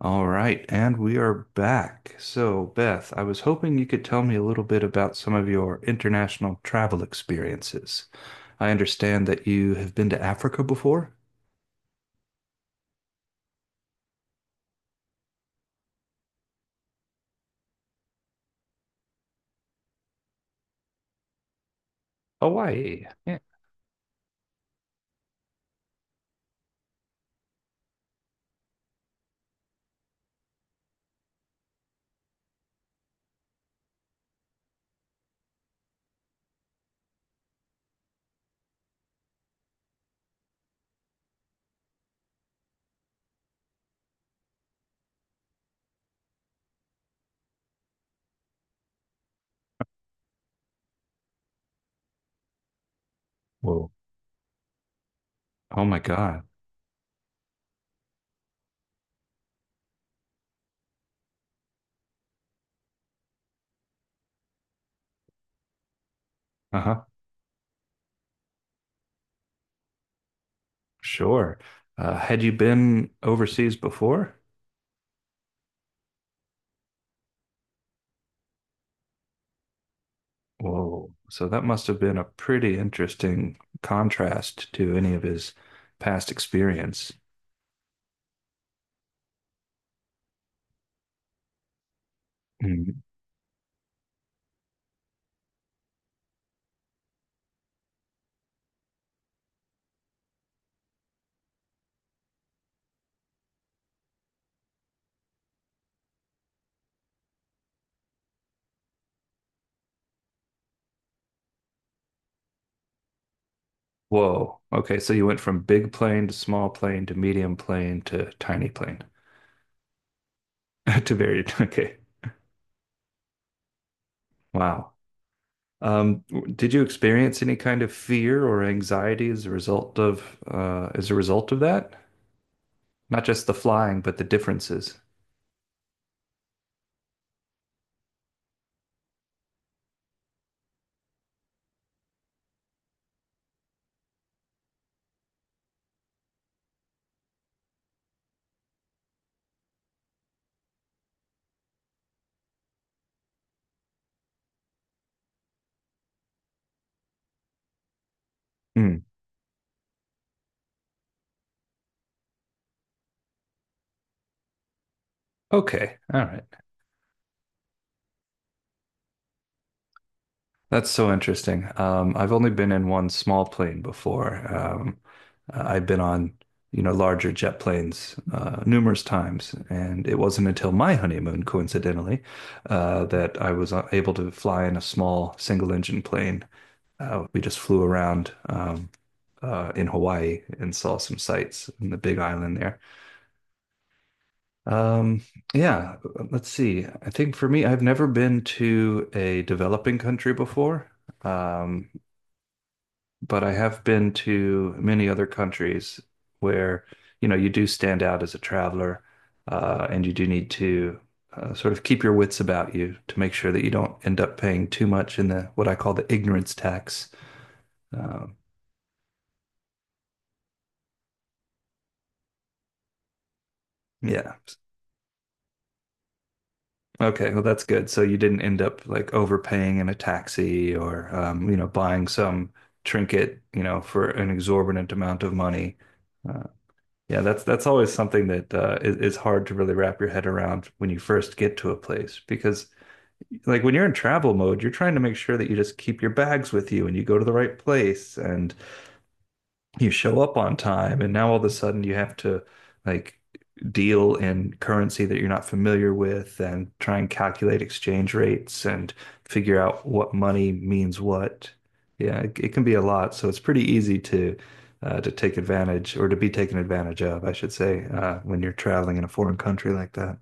All right, and we are back. So, Beth, I was hoping you could tell me a little bit about some of your international travel experiences. I understand that you have been to Africa before? Hawaii. Yeah. Whoa. Oh my God. Uh-huh. Sure. Had you been overseas before? Whoa. So that must have been a pretty interesting contrast to any of his past experience. Mm-hmm. Whoa. Okay, so you went from big plane to small plane to medium plane to tiny plane to very okay. Wow. Did you experience any kind of fear or anxiety as a result of, as a result of that? Not just the flying, but the differences. Hmm. Okay. All right. That's so interesting. I've only been in one small plane before. I've been on, you know, larger jet planes numerous times, and it wasn't until my honeymoon, coincidentally, that I was able to fly in a small single-engine plane. We just flew around in Hawaii and saw some sights in the Big Island there. Um, yeah, let's see. I think for me, I've never been to a developing country before. Um, but I have been to many other countries where, you know, you do stand out as a traveler, and you do need to sort of keep your wits about you to make sure that you don't end up paying too much in the what I call the ignorance tax. Um, yeah. Okay. Well, that's good. So you didn't end up like overpaying in a taxi or, you know, buying some trinket, you know, for an exorbitant amount of money. Uh, Yeah, that's always something that is hard to really wrap your head around when you first get to a place because like when you're in travel mode, you're trying to make sure that you just keep your bags with you and you go to the right place and you show up on time and now all of a sudden you have to like deal in currency that you're not familiar with and try and calculate exchange rates and figure out what money means what. Yeah, it can be a lot. So it's pretty easy to take advantage or to be taken advantage of, I should say, when you're traveling in a foreign country like that.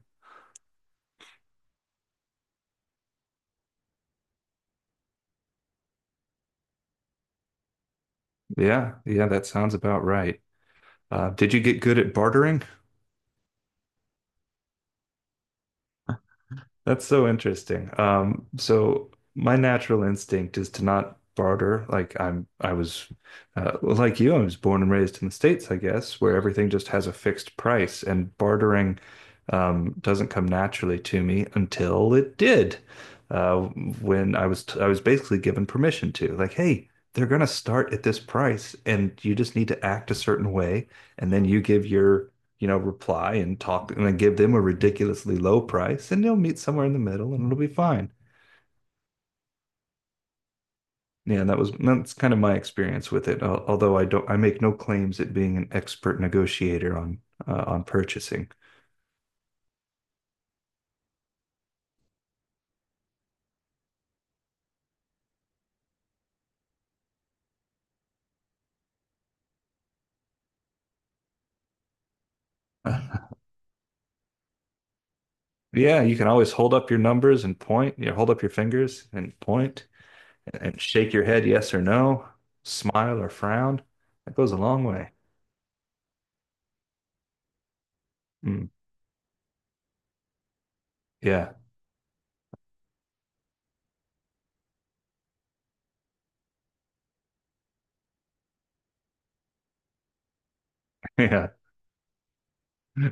Yeah, yeah, that sounds about right. Did you get good at bartering? That's so interesting. So my natural instinct is to not barter. Like, well, like you, I was born and raised in the States, I guess, where everything just has a fixed price, and bartering, doesn't come naturally to me until it did. Uh, when I was basically given permission to, like, hey, they're gonna start at this price, and you just need to act a certain way, and then you give your you know, reply and talk and then give them a ridiculously low price and they'll meet somewhere in the middle and it'll be fine. Yeah, that's kind of my experience with it. Although I don't, I make no claims at being an expert negotiator on purchasing. Uh, yeah, you can always hold up your numbers and point. You know, hold up your fingers and point and shake your head yes or no, smile or frown. That goes a long way. Mm, yeah, yeah.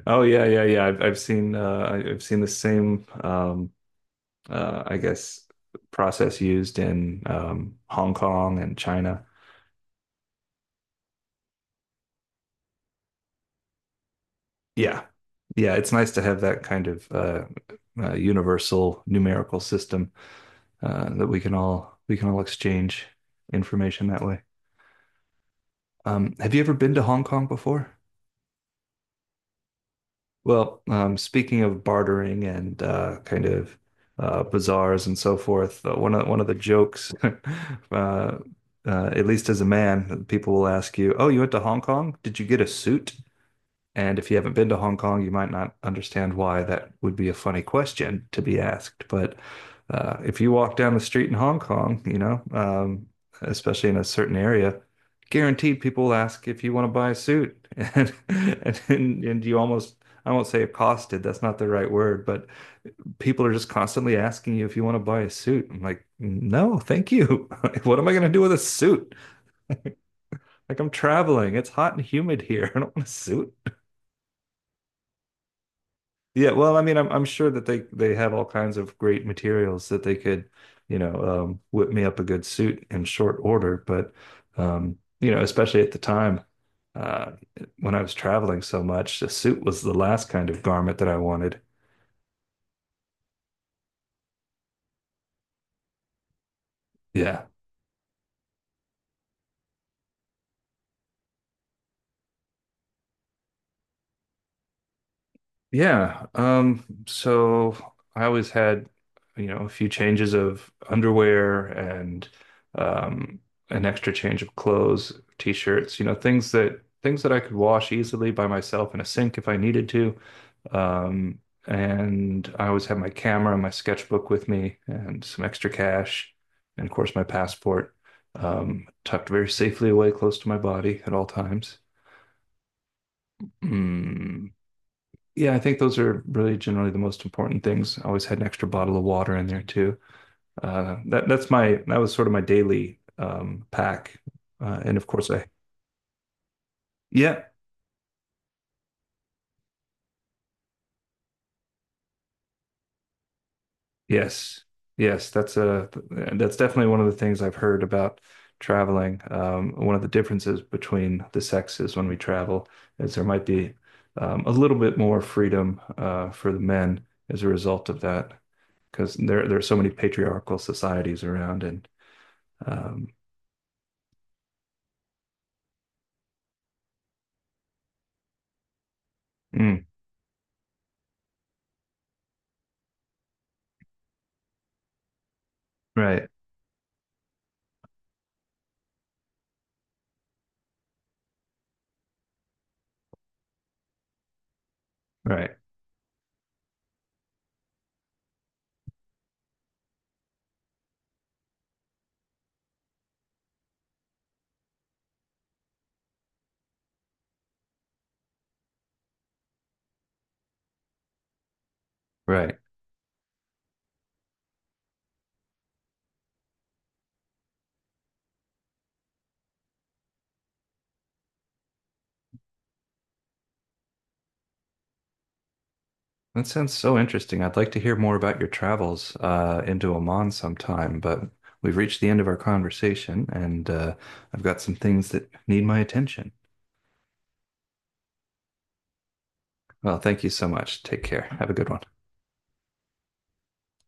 Oh yeah, yeah, yeah. I've seen I've seen the same I guess, process used in Hong Kong and China. Yeah. Yeah, it's nice to have that kind of universal numerical system that we can all exchange information that way. Have you ever been to Hong Kong before? Well, speaking of bartering and kind of bazaars and so forth, one of the jokes, uh, uh, at least as a man, people will ask you, "Oh, you went to Hong Kong? Did you get a suit?" And if you haven't been to Hong Kong, you might not understand why that would be a funny question to be asked. But if you walk down the street in Hong Kong, you know, especially in a certain area, guaranteed people will ask if you want to buy a suit. And, and you almost, I won't say accosted, that's not the right word, but people are just constantly asking you if you want to buy a suit. I'm like, no, thank you. What am I going to do with a suit? Like, I'm traveling, it's hot and humid here. I don't want a suit. Yeah, well, I mean, I'm sure that they have all kinds of great materials that they could, you know, whip me up a good suit in short order. But, you know, especially at the time, uh, when I was traveling so much, a suit was the last kind of garment that I wanted. Yeah. Yeah. So I always had, you know, a few changes of underwear and um an extra change of clothes, t-shirts, you know, things that I could wash easily by myself in a sink if I needed to. Um, and I always had my camera and my sketchbook with me and some extra cash and of course my passport tucked very safely away close to my body at all times. Hmm. Yeah, I think those are really generally the most important things. I always had an extra bottle of water in there too. That's my, that was sort of my daily pack, and of course I yeah, yes, yes that's a that's definitely one of the things I've heard about traveling. One of the differences between the sexes when we travel is there might be a little bit more freedom for the men as a result of that because there are so many patriarchal societies around and. Um, mm, right, right, right. That sounds so interesting. I'd like to hear more about your travels into Oman sometime, but we've reached the end of our conversation, and I've got some things that need my attention. Well, thank you so much. Take care. Have a good one.